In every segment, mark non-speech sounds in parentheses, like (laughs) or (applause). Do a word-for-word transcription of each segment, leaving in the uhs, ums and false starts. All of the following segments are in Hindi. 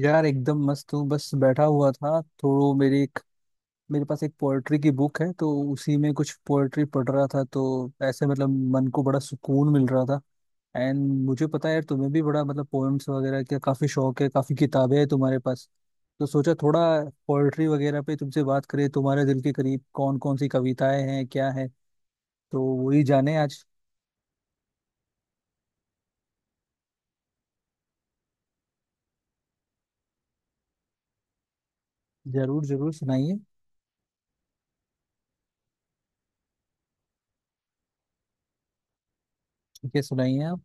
यार एकदम मस्त हूँ। बस बैठा हुआ था तो मेरी एक मेरे पास एक पोएट्री की बुक है तो उसी में कुछ पोएट्री पढ़ रहा था तो ऐसे मतलब मन को बड़ा सुकून मिल रहा था। एंड मुझे पता है यार तुम्हें भी बड़ा मतलब पोएम्स वगैरह का काफी शौक है, काफी किताबें हैं तुम्हारे पास। तो सोचा थोड़ा पोएट्री वगैरह पे तुमसे बात करें, तुम्हारे दिल के करीब कौन कौन सी कविताएं हैं, क्या है, तो वही जाने आज। जरूर जरूर सुनाइए। ठीक है, सुनाइए आप।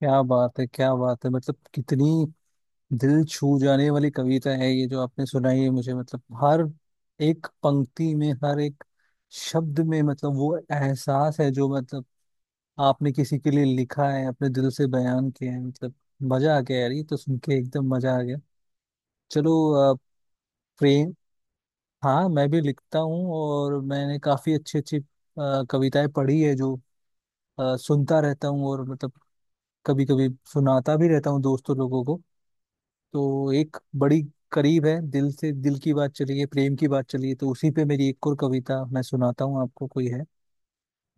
क्या बात है, क्या बात है, मतलब कितनी दिल छू जाने वाली कविता है ये जो आपने सुनाई है मुझे। मतलब हर एक पंक्ति में, हर एक शब्द में मतलब वो एहसास है जो मतलब आपने किसी के लिए लिखा है, अपने दिल से बयान किया है। मतलब मजा आ गया यार, ये तो सुन के एकदम मजा आ गया। चलो, अ, प्रेम। हाँ, मैं भी लिखता हूँ और मैंने काफी अच्छी अच्छी अ, कविताएं पढ़ी है, जो अ, सुनता रहता हूँ और मतलब कभी कभी सुनाता भी रहता हूँ दोस्तों लोगों को। तो एक बड़ी करीब है, दिल से दिल की बात चली है, प्रेम की बात चली है तो उसी पे मेरी एक और कविता मैं सुनाता हूँ आपको। कोई है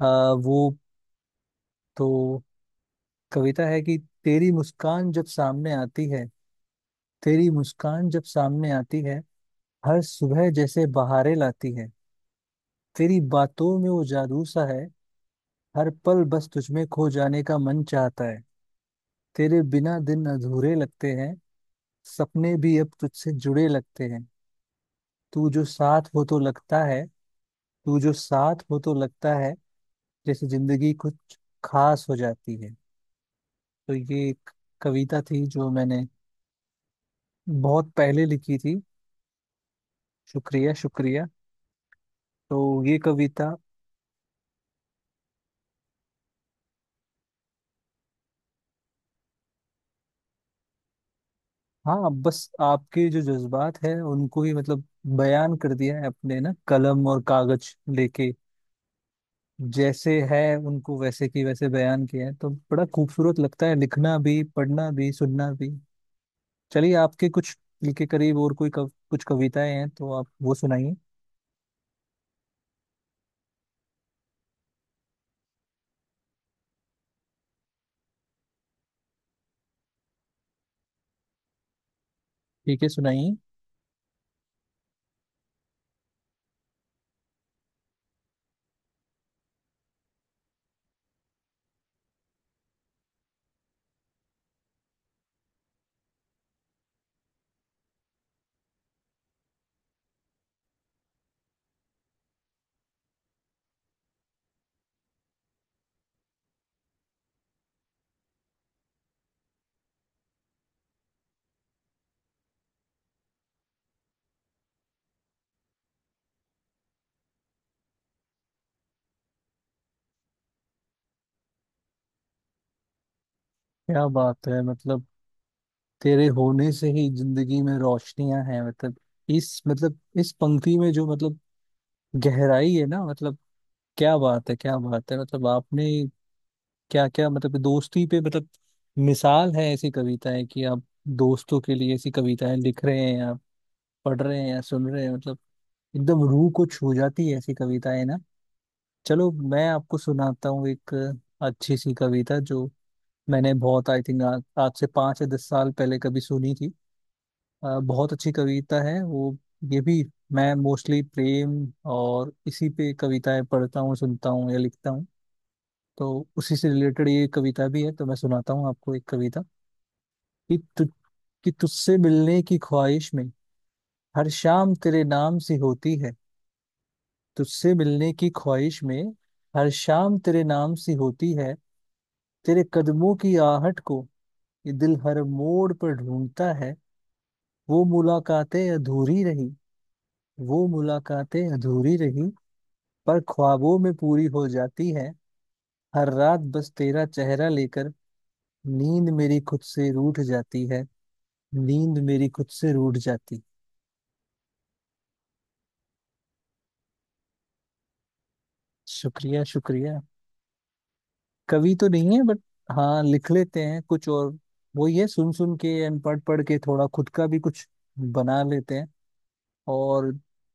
आ, वो। तो कविता है कि तेरी मुस्कान जब सामने आती है, तेरी मुस्कान जब सामने आती है, हर सुबह जैसे बहारें लाती है। तेरी बातों में वो जादू सा है, हर पल बस तुझमें खो जाने का मन चाहता है। तेरे बिना दिन अधूरे लगते हैं, सपने भी अब तुझसे जुड़े लगते हैं। तू जो साथ हो तो लगता है, तू जो साथ हो तो लगता है, जैसे जिंदगी कुछ खास हो जाती है। तो ये एक कविता थी जो मैंने बहुत पहले लिखी थी। शुक्रिया, शुक्रिया। तो ये कविता हाँ, बस आपके जो जज्बात है उनको ही मतलब बयान कर दिया है अपने, ना कलम और कागज लेके जैसे है उनको वैसे की वैसे बयान किया है, तो बड़ा खूबसूरत लगता है लिखना भी, पढ़ना भी, सुनना भी। चलिए आपके कुछ दिल के करीब और कोई कव, कुछ कविताएं हैं तो आप वो सुनाइए। ठीक है, सुनाइए। क्या बात है, मतलब तेरे होने से ही जिंदगी में रोशनियां हैं, मतलब इस मतलब इस पंक्ति में जो मतलब गहराई है ना, मतलब क्या बात है, क्या बात है, मतलब आपने क्या क्या मतलब दोस्ती पे मतलब मिसाल है ऐसी कविताएं कि आप दोस्तों के लिए ऐसी कविताएं लिख रहे हैं, आप पढ़ रहे हैं या सुन रहे हैं, मतलब एकदम रूह को छू जाती है ऐसी कविताएं ना। चलो, मैं आपको सुनाता हूँ एक अच्छी सी कविता जो मैंने बहुत, आई थिंक, आज आज से पाँच या दस साल पहले कभी सुनी थी। अ, बहुत अच्छी कविता है वो। ये भी मैं मोस्टली प्रेम और इसी पे कविताएं पढ़ता हूँ, सुनता हूँ या लिखता हूँ। तो उसी से रिलेटेड ये कविता भी है, तो मैं सुनाता हूँ आपको एक कविता कि तु, कि तुझसे मिलने की ख्वाहिश में हर शाम तेरे नाम सी होती है। तुझसे मिलने की ख्वाहिश में हर शाम तेरे नाम सी होती है। तेरे कदमों की आहट को ये दिल हर मोड़ पर ढूंढता है। वो मुलाकातें अधूरी रही, वो मुलाकातें अधूरी रही पर ख्वाबों में पूरी हो जाती है। हर रात बस तेरा चेहरा लेकर नींद मेरी खुद से रूठ जाती है, नींद मेरी खुद से रूठ जाती। शुक्रिया, शुक्रिया। कवि तो नहीं है बट हाँ, लिख लेते हैं कुछ और। वो ये सुन सुन के एंड पढ़ पढ़ के थोड़ा खुद का भी कुछ बना लेते हैं, और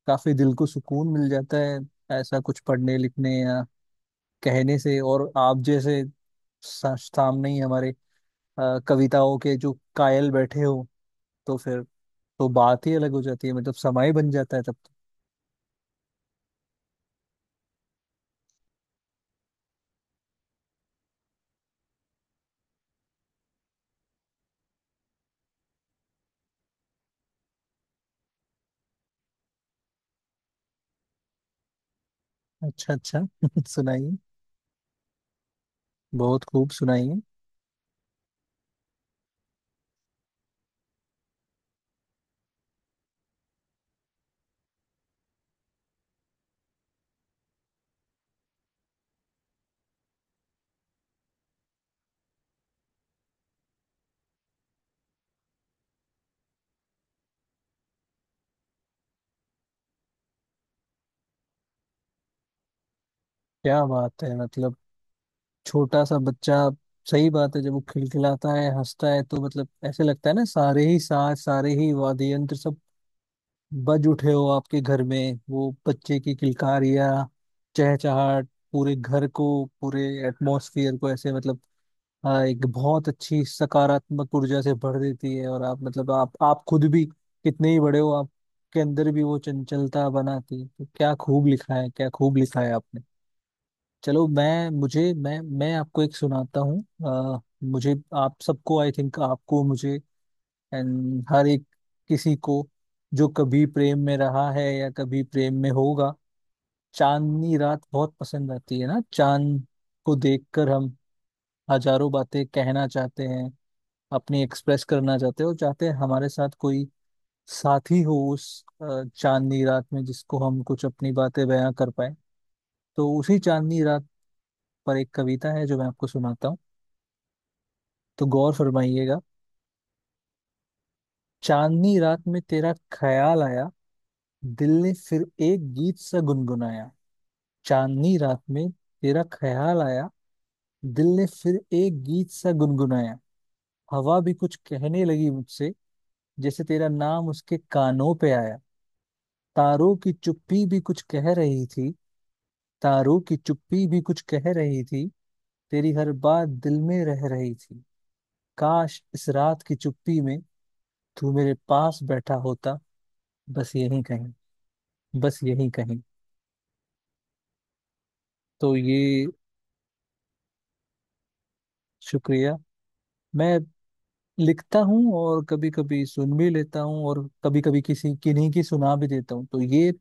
काफी दिल को सुकून मिल जाता है ऐसा कुछ पढ़ने, लिखने या कहने से। और आप जैसे सा- सामने ही हमारे अ, कविताओं के जो कायल बैठे हो तो फिर, तो बात ही अलग हो जाती है, मतलब समय बन जाता है तब। तो अच्छा अच्छा (laughs) सुनाइए। बहुत खूब, सुनाइए। क्या बात है, मतलब छोटा सा बच्चा, सही बात है। जब वो खिलखिलाता है, हंसता है तो मतलब ऐसे लगता है ना सारे ही साज, सारे ही वाद्य यंत्र सब बज उठे हो आपके घर में। वो बच्चे की किलकारियाँ, चहचहाट पूरे घर को, पूरे एटमॉस्फियर को ऐसे मतलब हाँ एक बहुत अच्छी सकारात्मक ऊर्जा से भर देती है। और आप मतलब आप आप खुद भी कितने ही बड़े हो, आपके अंदर भी वो चंचलता बनाती है। तो क्या खूब लिखा है, क्या खूब लिखा है आपने। चलो, मैं मुझे मैं मैं आपको एक सुनाता हूँ। अ, मुझे आप सबको, आई थिंक, आपको, मुझे एंड हर एक किसी को जो कभी प्रेम में रहा है या कभी प्रेम में होगा, चांदनी रात बहुत पसंद आती है ना। चांद को देखकर हम हजारों बातें कहना चाहते हैं, अपनी एक्सप्रेस करना चाहते हो, चाहते हैं हमारे साथ कोई साथी हो उस अ, चांदनी रात में, जिसको हम कुछ अपनी बातें बयां कर पाए। तो उसी चांदनी रात पर एक कविता है जो मैं आपको सुनाता हूँ, तो गौर फरमाइएगा। चांदनी रात में तेरा ख्याल आया, दिल ने फिर एक गीत सा गुनगुनाया। चांदनी रात में तेरा ख्याल आया, दिल ने फिर एक गीत सा गुनगुनाया। हवा भी कुछ कहने लगी मुझसे, जैसे तेरा नाम उसके कानों पे आया। तारों की चुप्पी भी कुछ कह रही थी, तारों की चुप्पी भी कुछ कह रही थी, तेरी हर बात दिल में रह रही थी। काश इस रात की चुप्पी में तू मेरे पास बैठा होता, बस यहीं कहीं, बस यहीं कहीं। तो ये शुक्रिया। मैं लिखता हूँ और कभी कभी सुन भी लेता हूँ और कभी कभी किसी किन्हीं की सुना भी देता हूँ। तो ये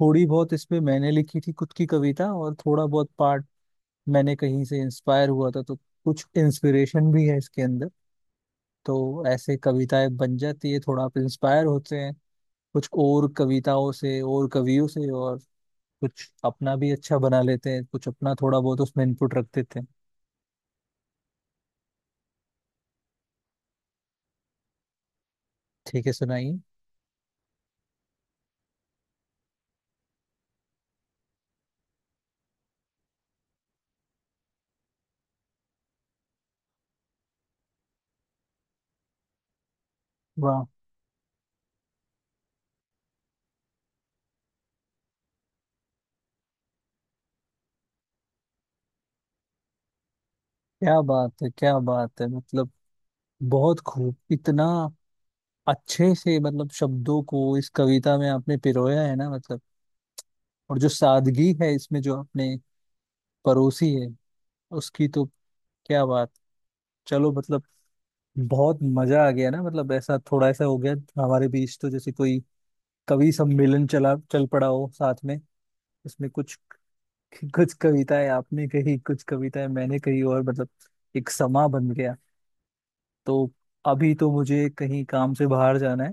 थोड़ी बहुत इसमें मैंने लिखी थी खुद की कविता और थोड़ा बहुत पार्ट मैंने कहीं से इंस्पायर हुआ था, तो कुछ इंस्पिरेशन भी है इसके अंदर। तो ऐसे कविताएं बन जाती है, थोड़ा आप इंस्पायर होते हैं कुछ और कविताओं से और कवियों से, और कुछ अपना भी अच्छा बना लेते हैं, कुछ अपना थोड़ा बहुत उसमें इनपुट रख देते हैं। ठीक है, सुनाइए। वाह, क्या बात है, क्या बात है, मतलब बहुत खूब, इतना अच्छे से मतलब शब्दों को इस कविता में आपने पिरोया है ना, मतलब और जो सादगी है इसमें जो आपने परोसी है उसकी तो क्या बात। चलो, मतलब बहुत मजा आ गया ना, मतलब ऐसा थोड़ा ऐसा हो गया हमारे बीच तो, जैसे कोई कवि सम्मेलन चला, चल पड़ा हो साथ में। इसमें कुछ कुछ कविताएं आपने कही, कुछ कविताएं मैंने कही और मतलब एक समा बन गया। तो अभी तो मुझे कहीं काम से बाहर जाना है,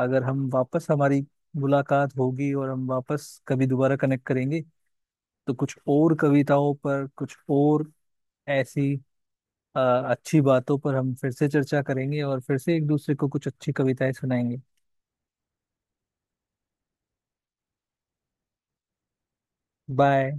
अगर हम वापस हमारी मुलाकात होगी और हम वापस कभी दोबारा कनेक्ट करेंगे तो कुछ और कविताओं पर, कुछ और ऐसी अ, अच्छी बातों पर हम फिर से चर्चा करेंगे और फिर से एक दूसरे को कुछ अच्छी कविताएं सुनाएंगे। बाय।